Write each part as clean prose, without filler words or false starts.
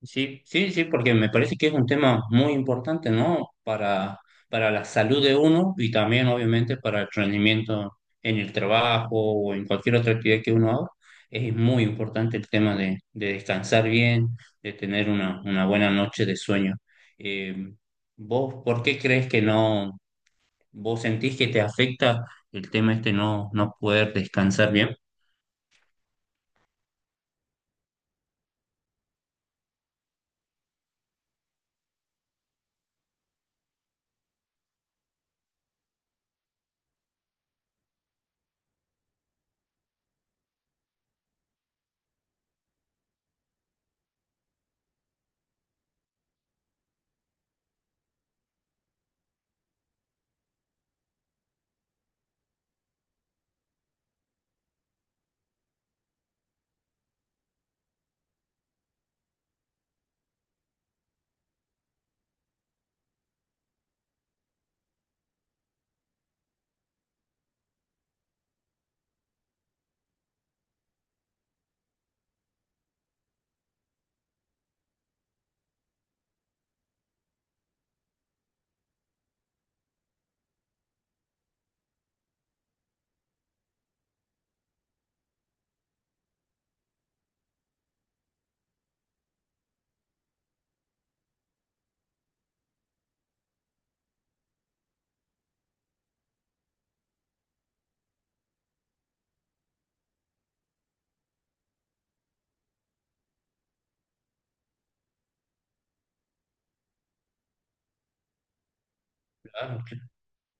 Sí, sí, sí, porque me parece que es un tema muy importante, ¿no? Para la salud de uno y también, obviamente, para el rendimiento en el trabajo o en cualquier otra actividad que uno haga. Es muy importante el tema de descansar bien, de tener una buena noche de sueño. Eh, ¿Vos por qué crees que no, vos sentís que te afecta el tema este no, no poder descansar bien?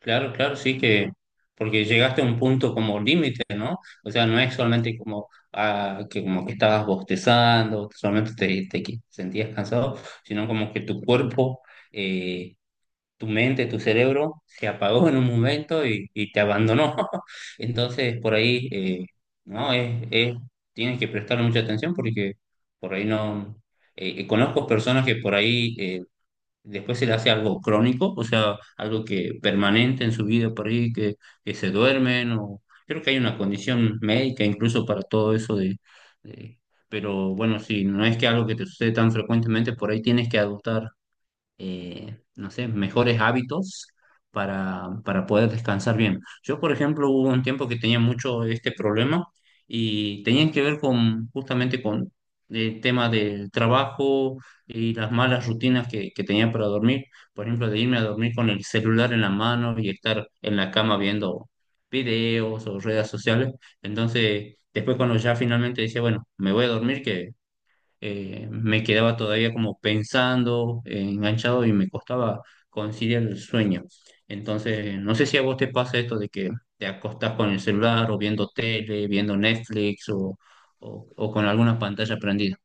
Claro, claro, sí que, porque llegaste a un punto como límite, ¿no? O sea, no es solamente como, ah, que, como que estabas bostezando, solamente te, sentías cansado, sino como que tu cuerpo, eh, tu mente, tu cerebro se apagó en un momento y te abandonó. Entonces, por ahí, ¿no? Tienes que prestarle mucha atención porque por ahí no... conozco personas que por ahí... después se le hace algo crónico, o sea, algo que permanente en su vida por ahí, que se duermen, o creo que hay una condición médica incluso para todo eso de. Pero bueno, si no es que algo que te sucede tan frecuentemente, por ahí tienes que adoptar no sé, mejores hábitos para poder descansar bien. Yo, por ejemplo, hubo un tiempo que tenía mucho este problema y tenían que ver con justamente con el tema del trabajo y las malas rutinas que tenía para dormir. Por ejemplo, de irme a dormir con el celular en la mano y estar en la cama viendo videos o redes sociales. Entonces, después cuando ya finalmente decía, bueno, me voy a dormir, que me quedaba todavía como pensando, enganchado y me costaba conciliar el sueño. Entonces, no sé si a vos te pasa esto de que te acostás con el celular o viendo tele, viendo Netflix o con alguna pantalla prendida.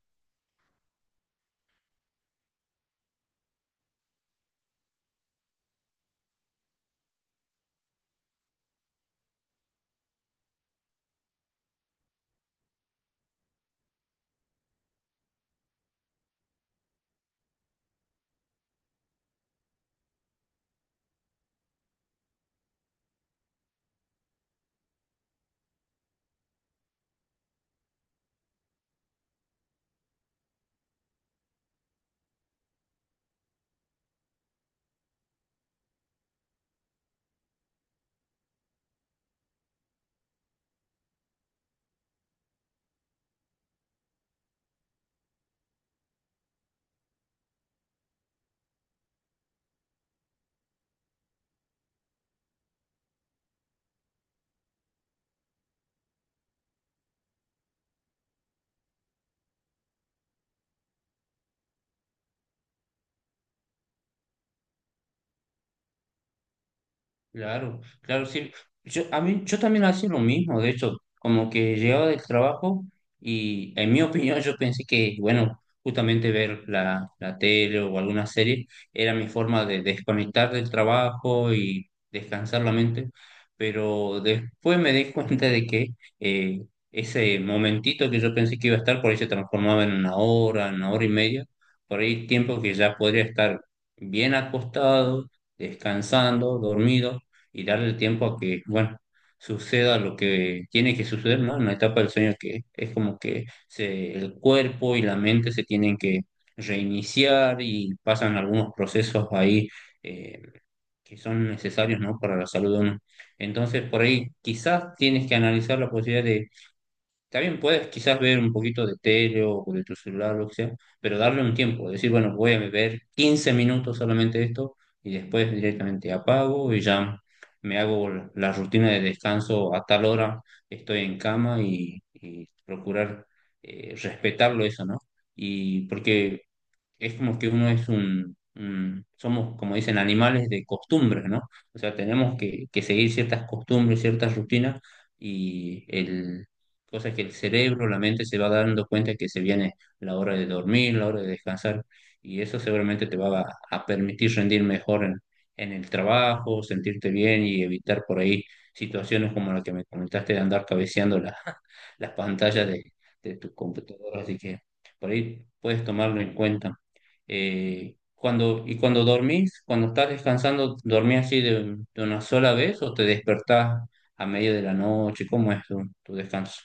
Claro, claro, sí. Yo, a mí, yo también hacía lo mismo, de hecho, como que llegaba del trabajo y en mi opinión yo pensé que, bueno, justamente ver la, la tele o alguna serie era mi forma de desconectar del trabajo y descansar la mente, pero después me di cuenta de que eh, ese momentito que yo pensé que iba a estar, por ahí se transformaba en una hora y media, por ahí tiempo que ya podría estar bien acostado, descansando, dormido y darle el tiempo a que, bueno, suceda lo que tiene que suceder, ¿no? En la etapa del sueño que es como que el cuerpo y la mente se tienen que reiniciar y pasan algunos procesos ahí eh, que son necesarios, ¿no? Para la salud de uno. Entonces, por ahí quizás tienes que analizar la posibilidad también puedes quizás ver un poquito de tele o de tu celular, lo que sea, pero darle un tiempo, decir, bueno, voy a ver 15 minutos solamente de esto y después directamente apago y ya me hago la rutina de descanso a tal hora, estoy en cama y procurar respetarlo eso, ¿no? Y porque es como que uno es somos, como dicen, animales de costumbres, ¿no? O sea, tenemos que seguir ciertas costumbres, ciertas rutinas y el, cosas que el cerebro, la mente se va dando cuenta que se viene la hora de dormir, la hora de descansar y eso seguramente te va a permitir rendir mejor en el trabajo, sentirte bien y evitar por ahí situaciones como la que me comentaste de andar cabeceando las pantallas de tu computadora, así que por ahí puedes tomarlo en cuenta. ¿Y cuando dormís, cuando estás descansando, dormís así de una sola vez o te despertás a medio de la noche? ¿Cómo es tu, tu descanso?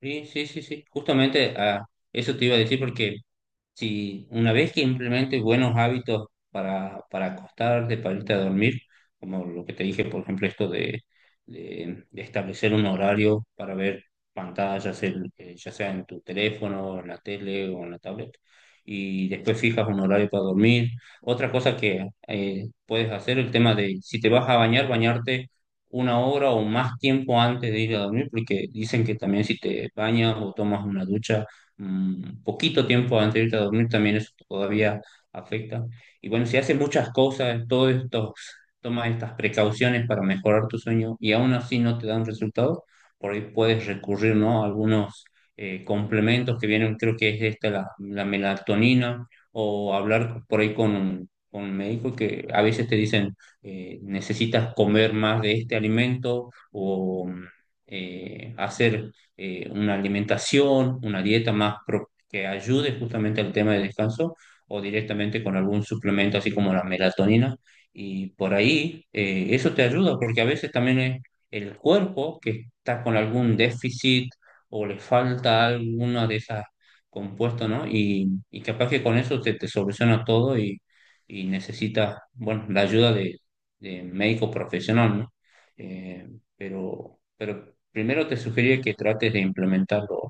Sí, sí, sí, sí. Justamente a eso te iba a decir porque si una vez que implementes buenos hábitos para acostarte, para irte a dormir, como lo que te dije, por ejemplo, esto de establecer un horario para ver pantallas, ya sea en tu teléfono, en la tele o en la tablet, y después fijas un horario para dormir. Otra cosa que puedes hacer, el tema de si te vas a bañar, bañarte una hora o más tiempo antes de ir a dormir, porque dicen que también si te bañas o tomas una ducha, mm, poquito tiempo antes de irte a dormir también eso todavía afecta. Y bueno, si haces muchas cosas, todos estos, tomas estas precauciones para mejorar tu sueño y aún así no te dan resultado, por ahí puedes recurrir, ¿no? A algunos complementos que vienen, creo que es esta la, la melatonina o hablar por ahí con un médico que a veces te dicen necesitas comer más de este alimento o hacer una alimentación, una dieta más que ayude justamente al tema de descanso o directamente con algún suplemento así como la melatonina. Y por ahí eso te ayuda porque a veces también es el cuerpo que está con algún déficit o le falta alguna de esas compuestos, ¿no? Y capaz que con eso se te soluciona todo y necesitas, bueno, la ayuda de médico profesional, ¿no? Eh, pero primero te sugeriría que trates de implementar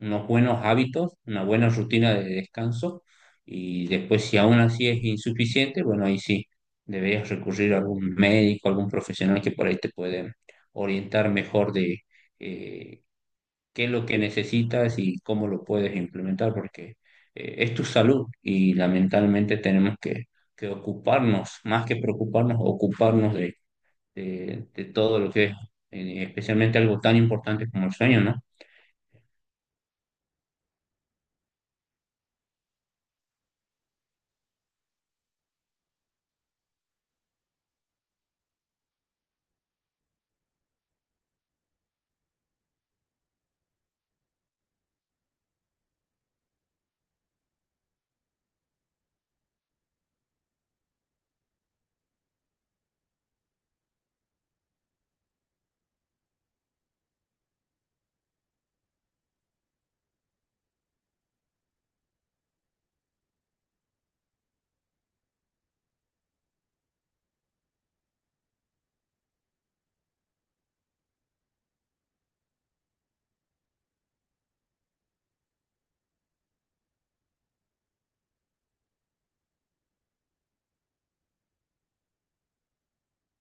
unos buenos hábitos, una buena rutina de descanso y después si aún así es insuficiente, bueno, ahí sí deberías recurrir a algún médico, algún profesional que por ahí te puede orientar mejor de eh, qué es lo que necesitas y cómo lo puedes implementar, porque es tu salud y lamentablemente tenemos que ocuparnos, más que preocuparnos, ocuparnos de de todo lo que es, especialmente algo tan importante como el sueño, ¿no?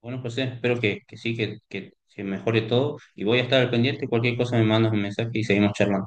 Bueno, José, espero que sí, que se mejore todo y voy a estar al pendiente. Cualquier cosa me mandas un mensaje y seguimos charlando.